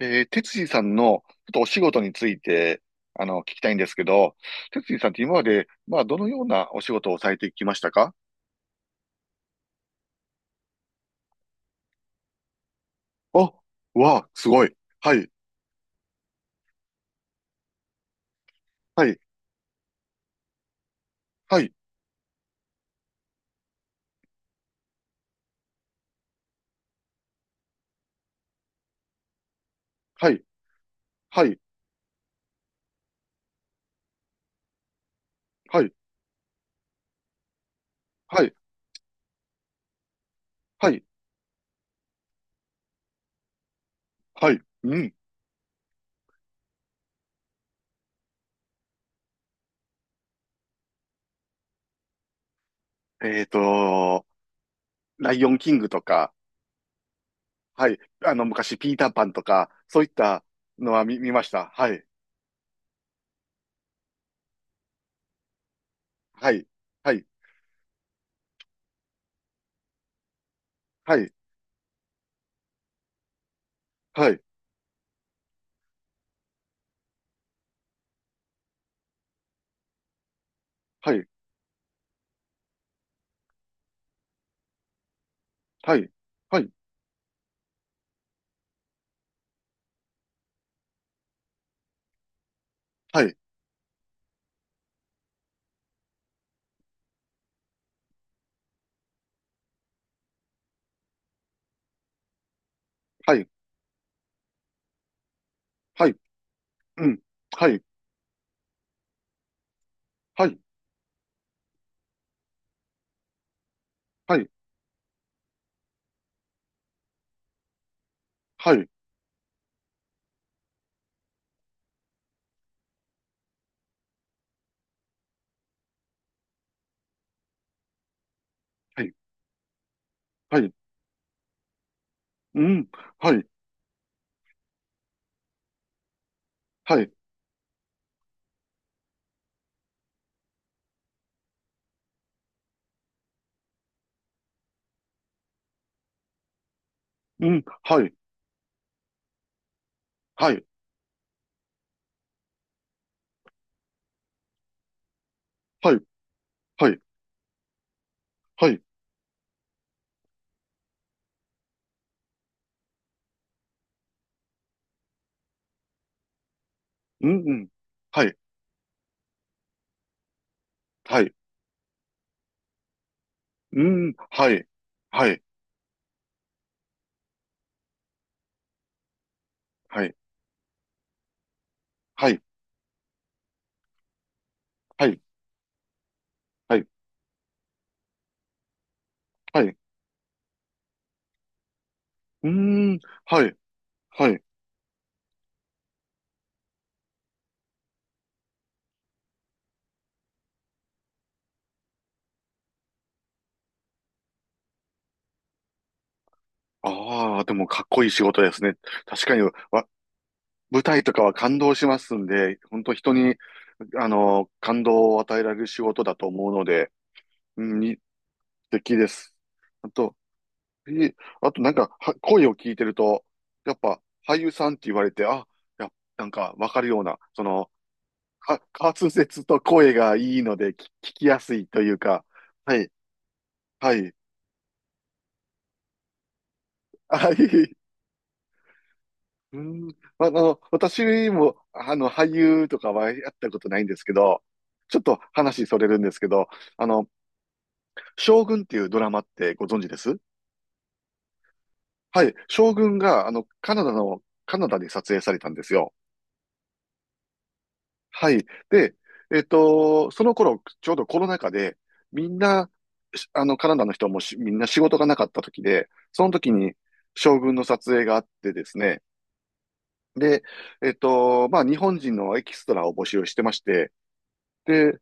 哲司さんのちょっとお仕事について、聞きたいんですけど、哲司さんって今まで、どのようなお仕事をされてきましたか？あ、わあ、すごい。はい、はい、はい、はい、はい、はい、はい、はい、はい、うん。えっと、ライオンキングとか、はい、昔、ピーターパンとか、そういったのは見ました。はい、はい、はい、はい、はい、はい、はい、はい、はい、はい、はい、うん、はい、はい、はい、はい、はい、はい、うん、はい、はい、うん、はい、はい、はい、はい、はい、うん、うん、はい、はい、うん、はい、はい、はい、はい、はい、はい、はい、うん、はい、はい。ああ、でもかっこいい仕事ですね。確かに、舞台とかは感動しますんで、本当人に、感動を与えられる仕事だと思うので、うん、に素敵です。あと、ええあとなんか、は声を聞いてると、やっぱ俳優さんって言われて、あ、や、なんかわかるような、滑舌と声がいいので聞きやすいというか、はい、はい、はい。うん、私も、俳優とかはやったことないんですけど、ちょっと話それるんですけど、あの、将軍っていうドラマってご存知です？はい、将軍が、カナダの、カナダで撮影されたんですよ。はい。で、その頃、ちょうどコロナ禍で、みんな、しあの、カナダの人もしみんな仕事がなかった時で、その時に将軍の撮影があってですね、で、日本人のエキストラを募集してまして、で、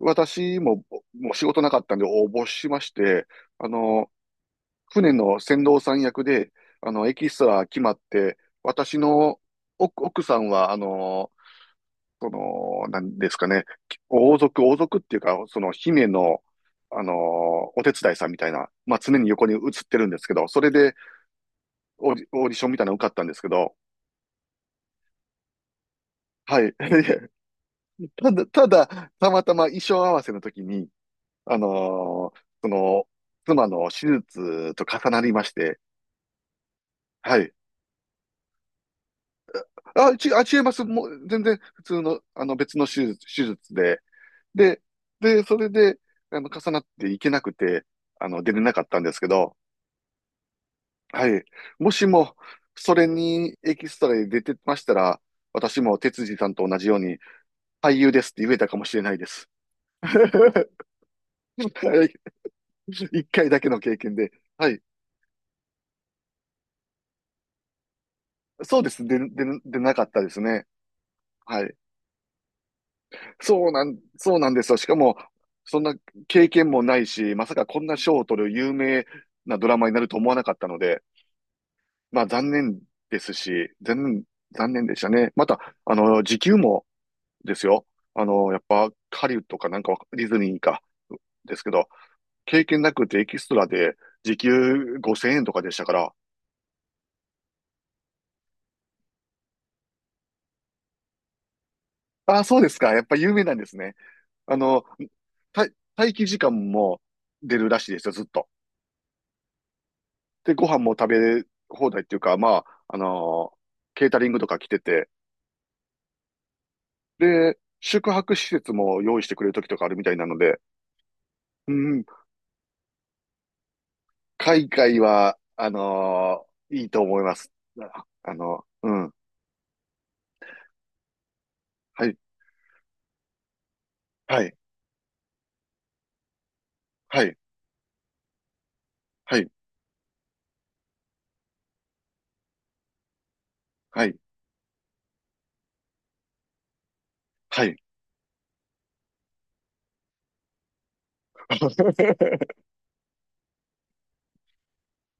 私も、もう仕事なかったんで応募しまして、あの、船の船頭さん役で、エキストラ決まって、私の奥さんは、なんですかね、王族、王族っていうか、その姫の、あのーお手伝いさんみたいな、常に横に映ってるんですけど、それでオーディションみたいなの受かったんですけど、はい。いや、ただ、たまたま衣装合わせの時に、あのーその、妻の手術と重なりまして、はい。あ、あ、違います。もう、全然、普通の、別の手術で、で、で、それで、重なっていけなくて、出れなかったんですけど、はい。もしも、それにエキストラで出てましたら、私も哲司さんと同じように、俳優ですって言えたかもしれないです。はい。一回だけの経験で。はい。そうです。でなかったですね。はい。そうなんですよ。しかも、そんな経験もないし、まさかこんな賞を取る有名なドラマになると思わなかったので、残念ですし、残念、残念でしたね。また、時給もですよ。やっぱ、ハリウッドかなんかディズニーか、ですけど、経験なくてエキストラで時給5000円とかでしたから、ああ、そうですか。やっぱ有名なんですね。あの、た待機時間も出るらしいですよ、ずっと。で、ご飯も食べ放題っていうか、ケータリングとか来てて、で、宿泊施設も用意してくれる時とかあるみたいなので、うん、海外は、いいと思います。うん、はい、はい。はい、はい、はい、はい。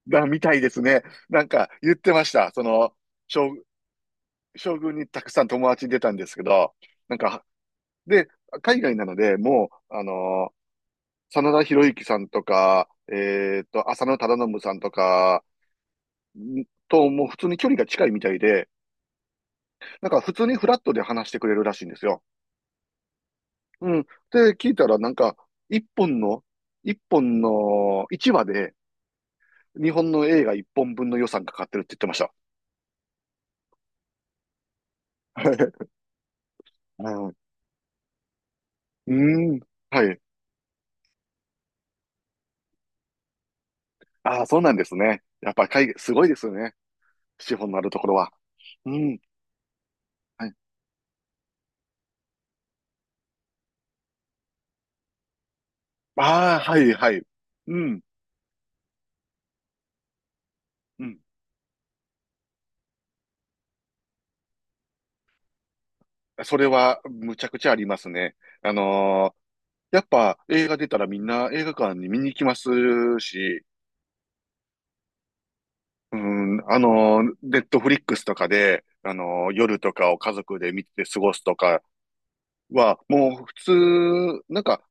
みたいですね。なんか言ってました。将、将軍にたくさん友達出たんですけど、なんか、で、海外なので、もう、真田広之さんとか、浅野忠信さんとか、もう普通に距離が近いみたいで、なんか普通にフラットで話してくれるらしいんですよ。うん。で、聞いたら、なんか、一本の、一本の、一話で、日本の映画一本分の予算かかってるって言ってました。はい、うん。うーん。はい。ああ、そうなんですね。やっぱ海外、すごいですよね。資本のあるところは。うん。はい。ああ、はい、はい。うん。うん。それは、むちゃくちゃありますね。あのーやっぱ映画出たらみんな映画館に見に行きますし、うん、ネットフリックスとかで、夜とかを家族で見て過ごすとかは、もう普通、なんか、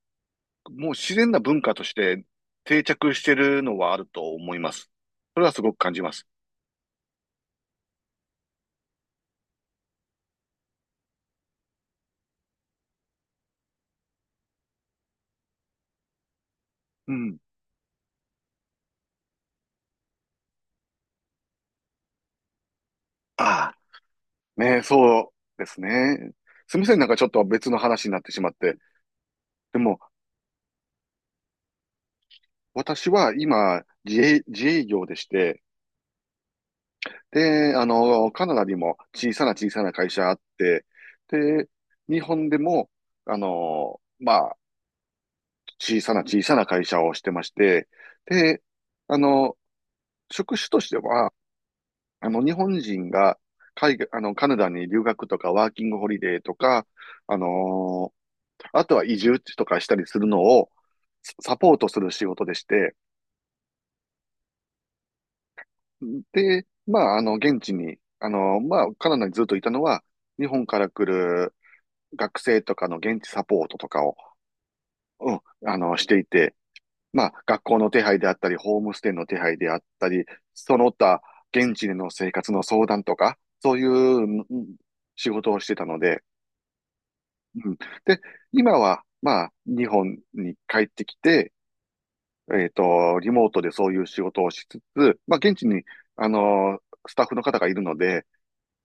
もう自然な文化として定着してるのはあると思います。それはすごく感じます。うん。ああ、ねそうですね。すみません、なんかちょっと別の話になってしまって。でも、私は今、自営業でして、で、カナダにも小さな小さな会社あって、で、日本でも、あの、まあ、小さな小さな会社をしてまして、で、あの、職種としては、日本人が海外、カナダに留学とかワーキングホリデーとか、あのーあとは移住とかしたりするのをサポートする仕事でして、で、現地に、カナダにずっといたのは、日本から来る学生とかの現地サポートとかを、うん、していて、学校の手配であったり、ホームステイの手配であったり、その他、現地での生活の相談とか、そういううん仕事をしてたので、うん。で、今は、日本に帰ってきて、リモートでそういう仕事をしつつ、現地に、あの、スタッフの方がいるので、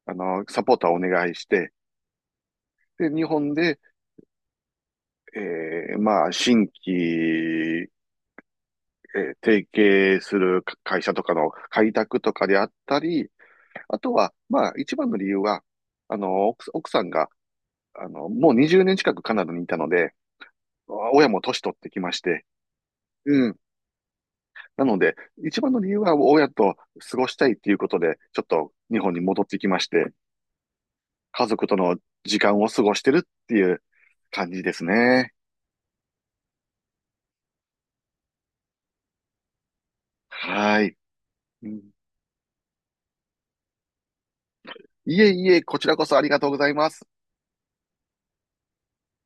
サポーターをお願いして、で、日本で、新規、提携する会社とかの開拓とかであったり、あとは、一番の理由は、奥さんが、もう20年近くカナダにいたので、親も年取ってきまして、うんなので、一番の理由は親と過ごしたいっていうことで、ちょっと日本に戻ってきまして、家族との時間を過ごしてるっていう感じですね。はい。うん、いえいえ、こちらこそありがとうございます。